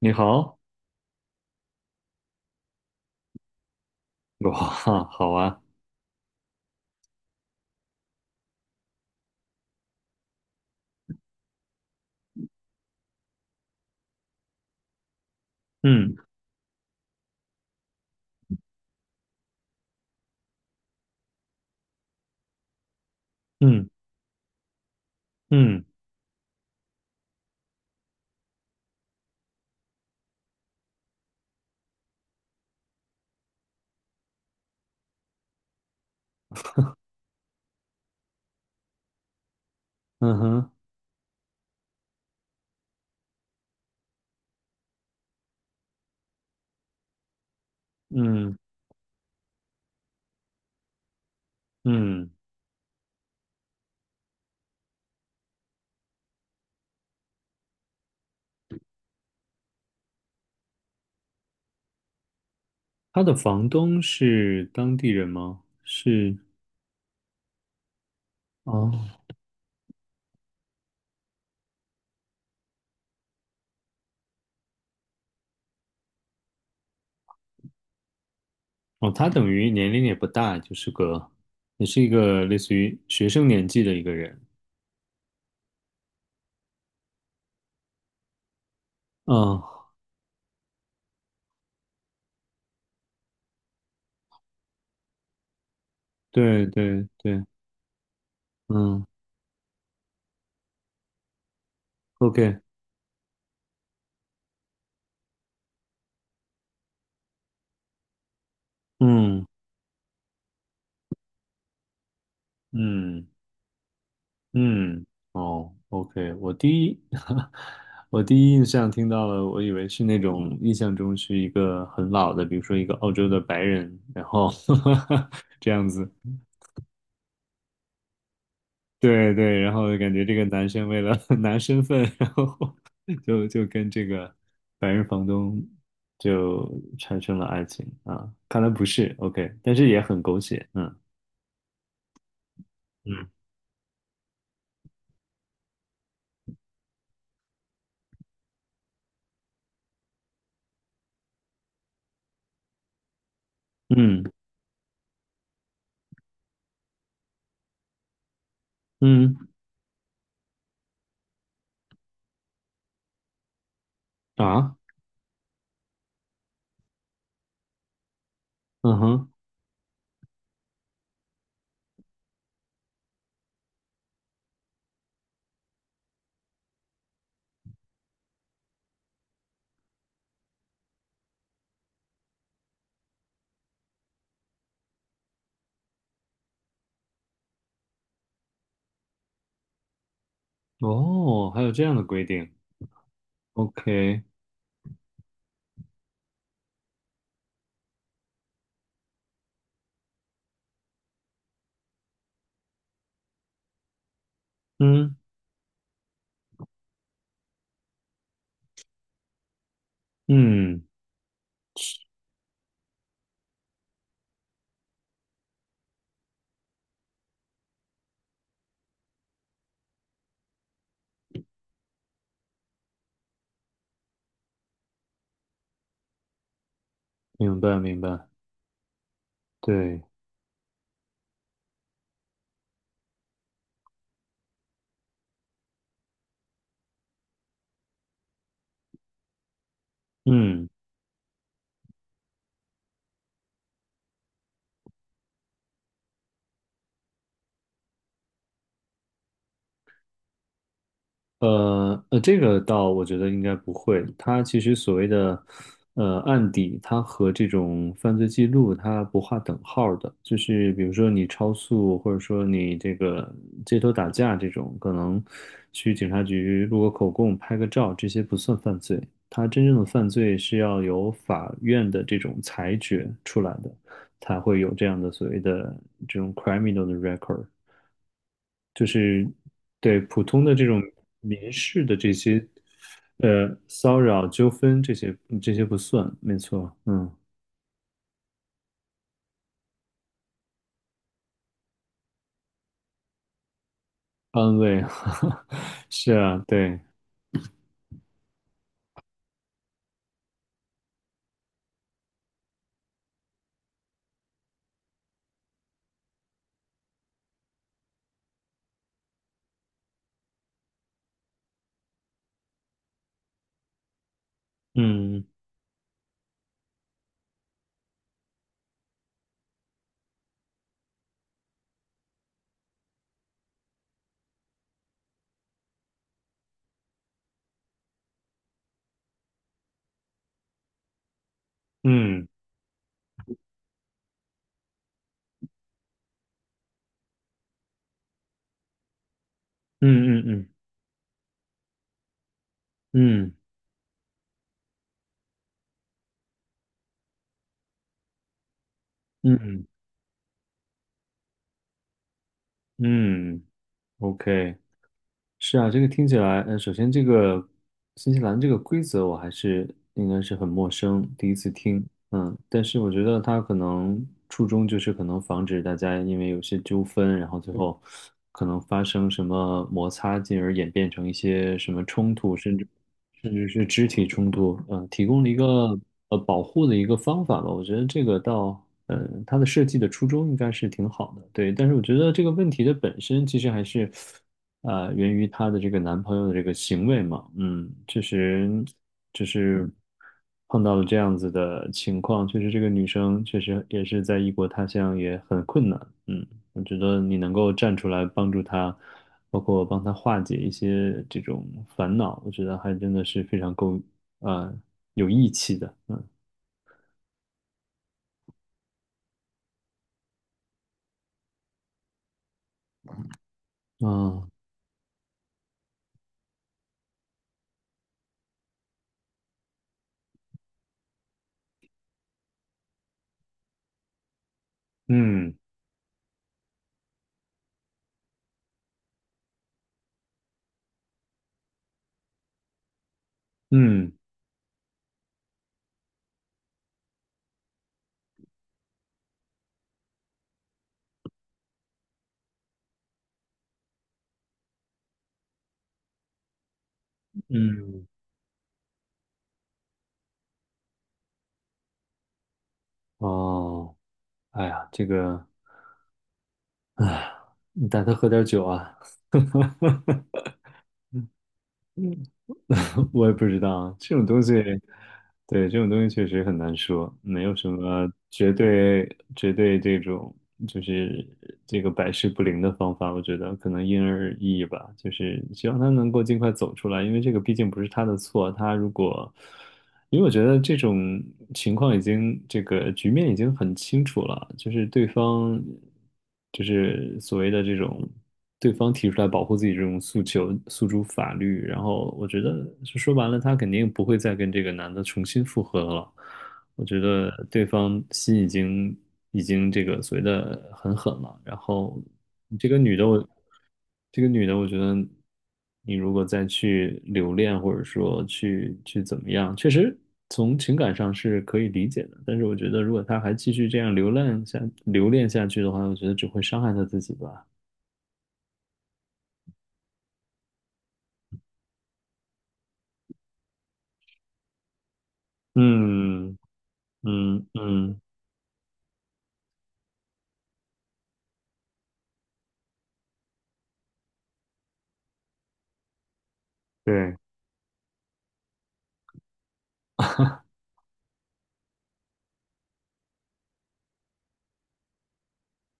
你好。哇，好啊。嗯嗯嗯嗯哼，嗯嗯。他的房东是当地人吗？是。哦哦，他等于年龄也不大，就是个，也是一个类似于学生年纪的一个人。嗯，对对对，嗯，OK，嗯嗯。嗯，哦，OK，我第一，我第一印象听到了，我以为是那种印象中是一个很老的，比如说一个澳洲的白人，然后 这样子。对对，然后感觉这个男生为了 拿身份，然后 就跟这个白人房东就产生了爱情啊，看来不是 OK，但是也很狗血。嗯嗯嗯嗯啊，嗯哼。哦，还有这样的规定。OK。嗯嗯。明白明白，对。嗯。这个倒我觉得应该不会。它其实所谓的案底，它和这种犯罪记录它不划等号儿的。就是比如说你超速，或者说你这个街头打架这种，可能去警察局录个口供、拍个照，这些不算犯罪。它真正的犯罪是要由法院的这种裁决出来的，才会有这样的所谓的这种 criminal 的 record。就是对普通的这种民事的这些骚扰纠纷这些这些不算，没错。嗯。安慰，是啊，对。嗯嗯嗯嗯嗯嗯嗯嗯，OK。是啊，这个听起来，嗯，首先这个新西兰这个规则我还是应该是很陌生，第一次听。嗯，但是我觉得它可能初衷就是可能防止大家因为有些纠纷，然后最后可能发生什么摩擦，进而演变成一些什么冲突，甚至甚至是肢体冲突，嗯，提供了一个保护的一个方法吧。我觉得这个倒，嗯，它的设计的初衷应该是挺好的，对。但是我觉得这个问题的本身其实还是。源于她的这个男朋友的这个行为嘛，嗯，确实就是碰到了这样子的情况，确实这个女生确实也是在异国他乡也很困难。嗯，我觉得你能够站出来帮助她，包括帮她化解一些这种烦恼，我觉得还真的是非常够啊、呃有义气的。嗯啊嗯嗯嗯哦，哎呀，这个，哎，你带她喝点酒啊。嗯，我也不知道这种东西。对，这种东西确实很难说，没有什么绝对绝对这种就是这个百试不灵的方法，我觉得可能因人而异吧。就是希望他能够尽快走出来，因为这个毕竟不是他的错，他如果因为我觉得这种情况已经，这个局面已经很清楚了，就是对方，就是所谓的这种，对方提出来保护自己这种诉求，诉诸法律，然后我觉得就说白了，他肯定不会再跟这个男的重新复合了。我觉得对方心已经已经这个所谓的很狠了。然后这个女的我。这个女的，我觉得你如果再去留恋，或者说去怎么样，确实从情感上是可以理解的。但是我觉得，如果她还继续这样留恋下去的话，我觉得只会伤害她自己吧。嗯嗯嗯，对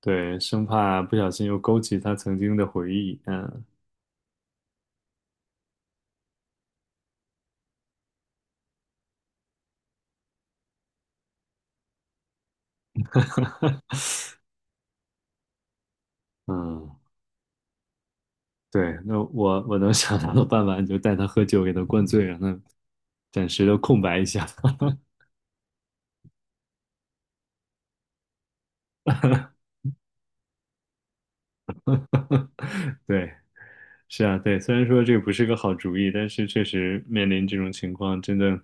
对，生怕不小心又勾起她曾经的回忆。嗯嗯，对，那我能想到的办法，你就带她喝酒，给她灌醉，让她暂时的空白一下。对。是啊，对，虽然说这个不是个好主意，但是确实面临这种情况，真的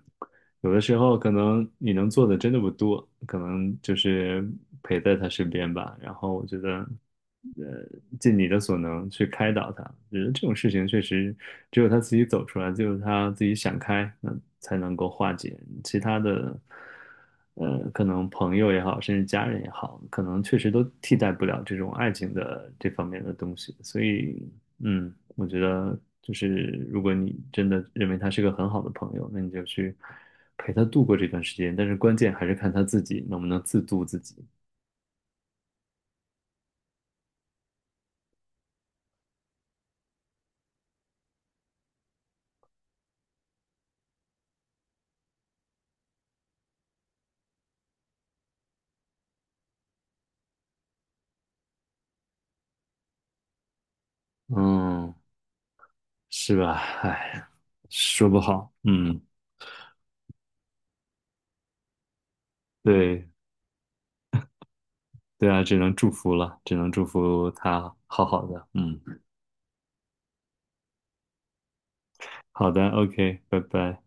有的时候可能你能做的真的不多，可能就是陪在他身边吧。然后我觉得，呃，尽你的所能去开导他。我觉得这种事情确实只有他自己走出来，只有他自己想开，那才能够化解。其他的，可能朋友也好，甚至家人也好，可能确实都替代不了这种爱情的这方面的东西。所以嗯，我觉得就是如果你真的认为他是个很好的朋友，那你就去陪他度过这段时间。但是关键还是看他自己能不能自度自己。嗯，是吧？哎，说不好。嗯，对，对啊，只能祝福了，只能祝福他好好的。嗯，好的，OK,拜拜。